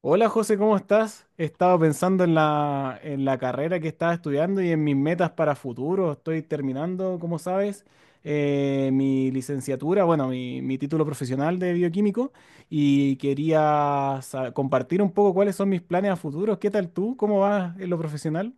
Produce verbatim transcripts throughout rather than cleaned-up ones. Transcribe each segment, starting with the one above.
Hola José, ¿cómo estás? He estado pensando en la, en la carrera que estaba estudiando y en mis metas para futuro. Estoy terminando, como sabes, eh, mi licenciatura, bueno, mi, mi título profesional de bioquímico y quería sa- compartir un poco cuáles son mis planes a futuro. ¿Qué tal tú? ¿Cómo vas en lo profesional?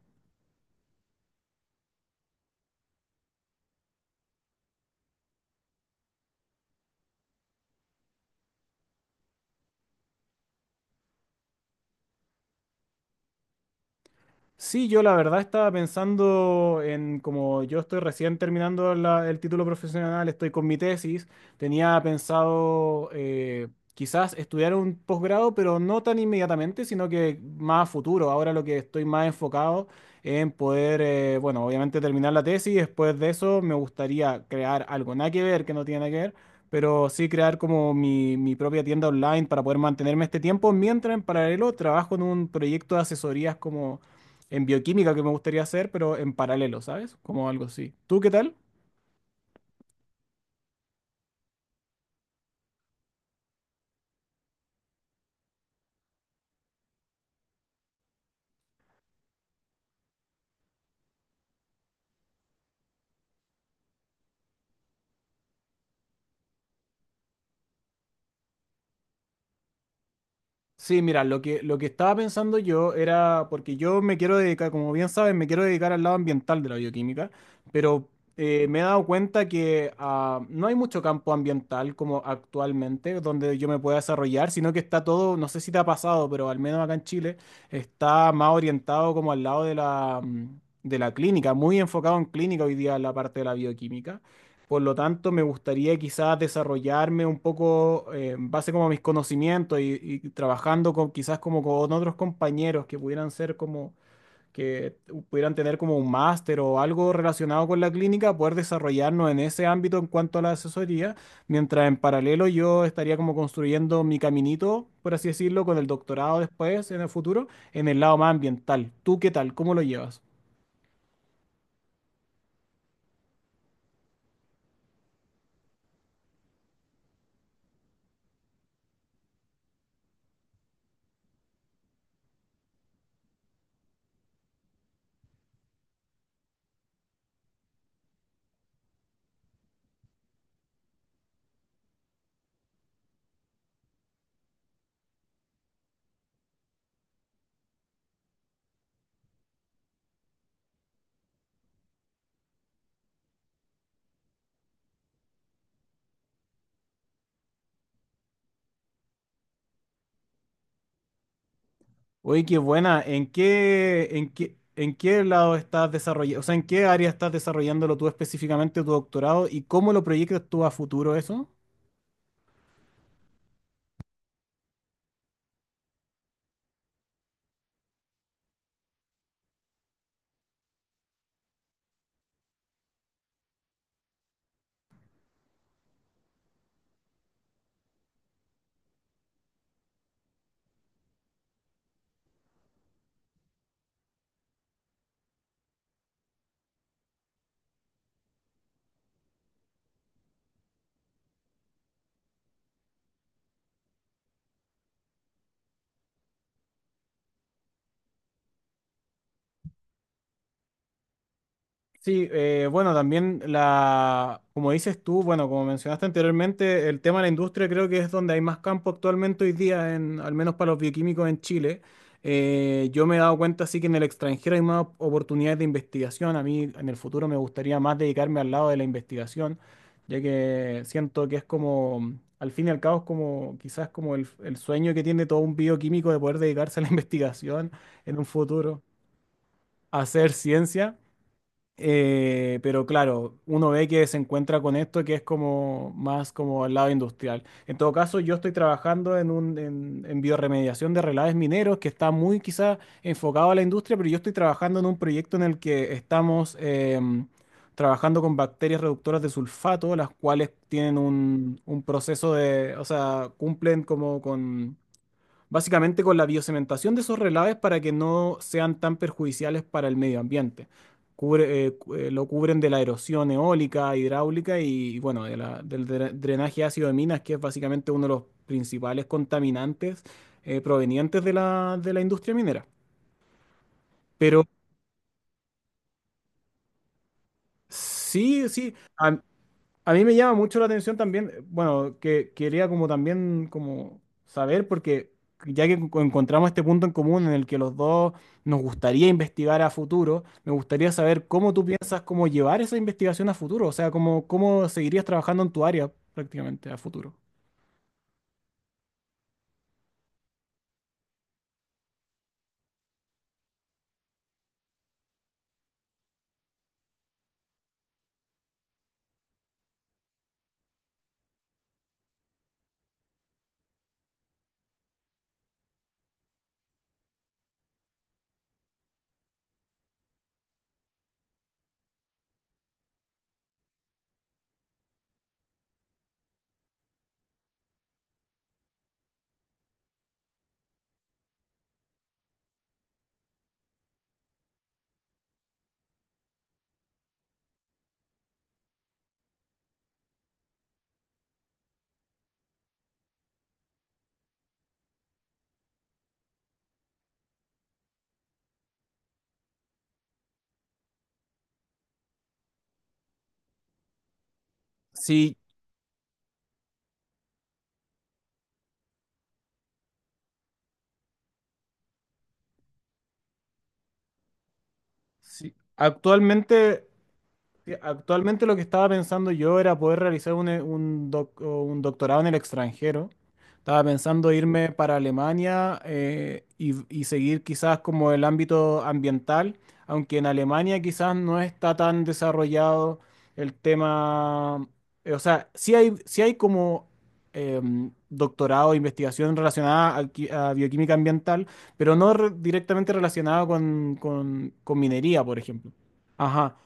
Sí, yo la verdad estaba pensando en como yo estoy recién terminando la- el título profesional, estoy con mi tesis, tenía pensado eh, quizás estudiar un posgrado, pero no tan inmediatamente, sino que más a futuro. Ahora lo que estoy más enfocado en poder, eh, bueno, obviamente terminar la tesis, después de eso me gustaría crear algo, nada que ver, que no tiene nada que ver, pero sí crear como mi, mi propia tienda online para poder mantenerme este tiempo, mientras en paralelo trabajo en un proyecto de asesorías como en bioquímica que me gustaría hacer, pero en paralelo, ¿sabes? Como algo así. ¿Tú qué tal? Sí, mira, lo que, lo que estaba pensando yo era, porque yo me quiero dedicar, como bien sabes, me quiero dedicar al lado ambiental de la bioquímica, pero eh, me he dado cuenta que ah, no hay mucho campo ambiental como actualmente donde yo me pueda desarrollar, sino que está todo, no sé si te ha pasado, pero al menos acá en Chile está más orientado como al lado de la, mm, de la clínica, muy enfocado en clínica hoy día la parte de la bioquímica. Por lo tanto, me gustaría quizás desarrollarme un poco eh, en base como a mis conocimientos y, y trabajando con quizás como con otros compañeros que pudieran ser como que pudieran tener como un máster o algo relacionado con la clínica, poder desarrollarnos en ese ámbito en cuanto a la asesoría, mientras en paralelo yo estaría como construyendo mi caminito, por así decirlo, con el doctorado después en el futuro, en el lado más ambiental. ¿Tú qué tal? ¿Cómo lo llevas? Oye, qué buena. ¿En qué, en qué, en qué lado estás desarrollando, o sea, en qué área estás desarrollándolo tú específicamente tu doctorado y cómo lo proyectas tú a futuro eso? Sí, eh, bueno, también la, como dices tú, bueno, como mencionaste anteriormente, el tema de la industria creo que es donde hay más campo actualmente hoy día, en, al menos para los bioquímicos en Chile. Eh, yo me he dado cuenta sí que en el extranjero hay más oportunidades de investigación. A mí en el futuro me gustaría más dedicarme al lado de la investigación, ya que siento que es como, al fin y al cabo, es como quizás como el, el sueño que tiene todo un bioquímico de poder dedicarse a la investigación en un futuro, a hacer ciencia. Eh, pero claro, uno ve que se encuentra con esto que es como más como al lado industrial. En todo caso, yo estoy trabajando en un en, en biorremediación de relaves mineros que está muy quizá enfocado a la industria, pero yo estoy trabajando en un proyecto en el que estamos em, trabajando con bacterias reductoras de sulfato, las cuales tienen un, un proceso de, o sea, cumplen como con básicamente con la biocementación de esos relaves para que no sean tan perjudiciales para el medio ambiente. Cubre- eh, cu- eh, lo cubren de la erosión eólica, hidráulica y, bueno, de la- del dre- drenaje ácido de minas, que es básicamente uno de los principales contaminantes eh, provenientes de la, de la industria minera. Pero sí, sí, a, A mí me llama mucho la atención también, eh, bueno, que quería como también como saber, porque ya que enco- encontramos este punto en común en el que los dos nos gustaría investigar a futuro, me gustaría saber cómo tú piensas cómo llevar esa investigación a futuro, o sea, cómo, cómo seguirías trabajando en tu área prácticamente a futuro. Sí, sí, actualmente Sí, Actualmente lo que estaba pensando yo era poder realizar un, e- un doc- o un doctorado en el extranjero. Estaba pensando irme para Alemania eh, y, y seguir quizás como el ámbito ambiental, aunque en Alemania quizás no está tan desarrollado el tema, eh, o sea, sí hay, sí hay como em, doctorado, investigación relacionada a, qui- a bioquímica ambiental, pero no re- directamente relacionada con, con con minería, por ejemplo. Ajá.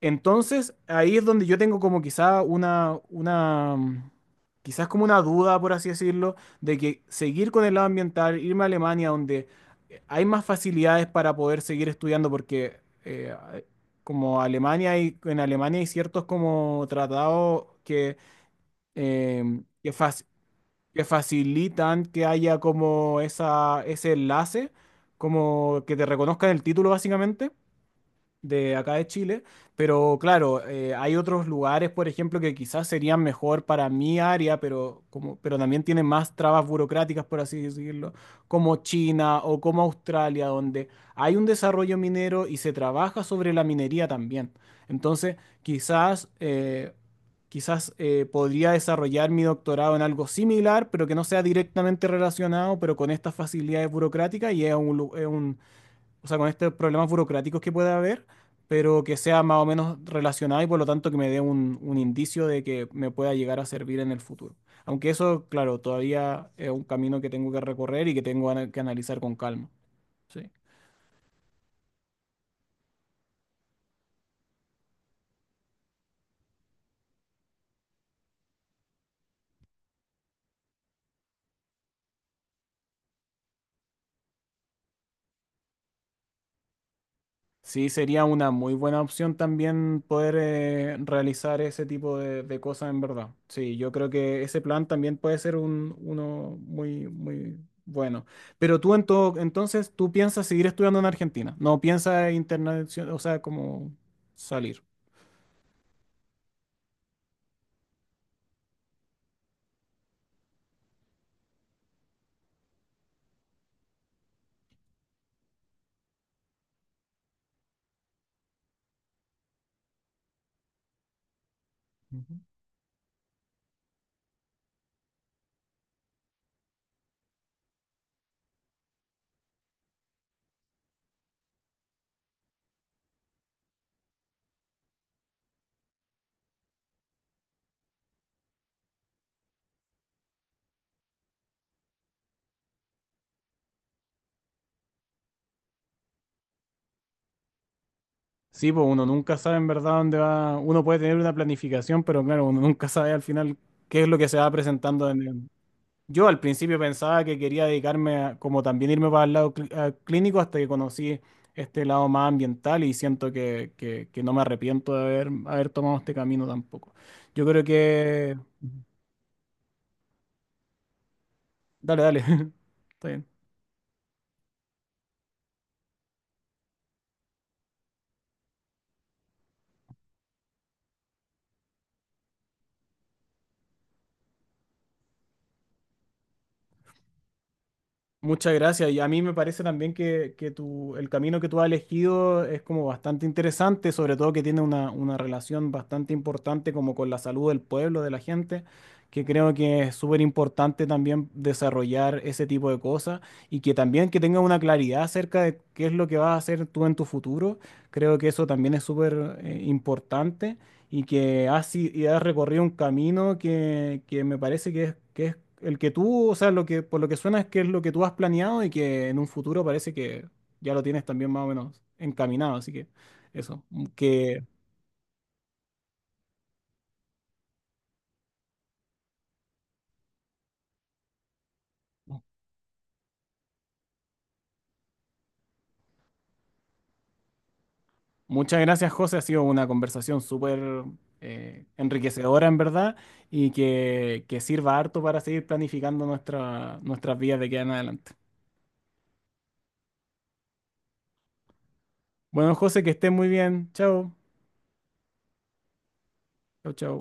Entonces, ahí es donde yo tengo como quizá una, una, mm, quizás como una duda, por así decirlo, de que seguir con el lado ambiental, irme a Alemania, donde eh, hay más facilidades para poder seguir estudiando, porque eh, a- como Alemania hay, en Alemania hay ciertos como tratados que, em, que, fac- que facilitan que haya como esa, ese enlace, como que te reconozcan el título básicamente de acá de Chile, pero claro, eh, hay otros lugares, por ejemplo, que quizás serían mejor para mi área, pero, como, pero también tienen más trabas burocráticas, por así decirlo, como China o como Australia, donde hay un desarrollo minero y se trabaja sobre la minería también. Entonces, quizás, eh, quizás eh, podría desarrollar mi doctorado en algo similar, pero que no sea directamente relacionado, pero con estas facilidades burocráticas y es un, lu- es un, o sea, con estos problemas burocráticos que pueda haber, pero que sea más o menos relacionado y por lo tanto que me dé un, un indicio de que me pueda llegar a servir en el futuro. Aunque eso, claro, todavía es un camino que tengo que recorrer y que tengo ana- que analizar con calma. Sí. Sí, sería una muy buena opción también poder eh, realizar ese tipo de, de cosas en verdad. Sí, yo creo que ese plan también puede ser un, uno muy, muy bueno. Pero tú en todo, entonces, ¿tú piensas seguir estudiando en Argentina? ¿No piensas internacional, o sea, como salir? Ujú. Sí, pues uno nunca sabe en verdad dónde va. Uno puede tener una planificación, pero claro, uno nunca sabe al final qué es lo que se va presentando en, el. Yo al principio pensaba que quería dedicarme a- como también irme para el lado cli- a- clínico hasta que conocí este lado más ambiental y siento que, que- que no me arrepiento de haber, haber tomado este camino tampoco. Yo creo que... Dale, dale. Está bien. Muchas gracias. Y a mí me parece también que, que tu, el camino que tú has elegido es como bastante interesante, sobre todo que tiene una, una relación bastante importante como con la salud del pueblo, de la gente, que creo que es súper importante también desarrollar ese tipo de cosas y que también que tenga una claridad acerca de qué es lo que vas a hacer tú en tu futuro. Creo que eso también es súper eh, importante y que has, i- y has recorrido un camino que, que me parece que es, que es el que tú, o sea, lo que, por lo que suena es que es lo que tú has planeado y que en un futuro parece que ya lo tienes también más o menos encaminado. Así que eso, m- que muchas gracias, José. Ha sido una conversación súper eh, enriquecedora en verdad y que, que sirva harto para seguir planificando nuestra, nuestras vidas de aquí en adelante. Bueno, José, que estés muy bien. Chao. Chao, chao.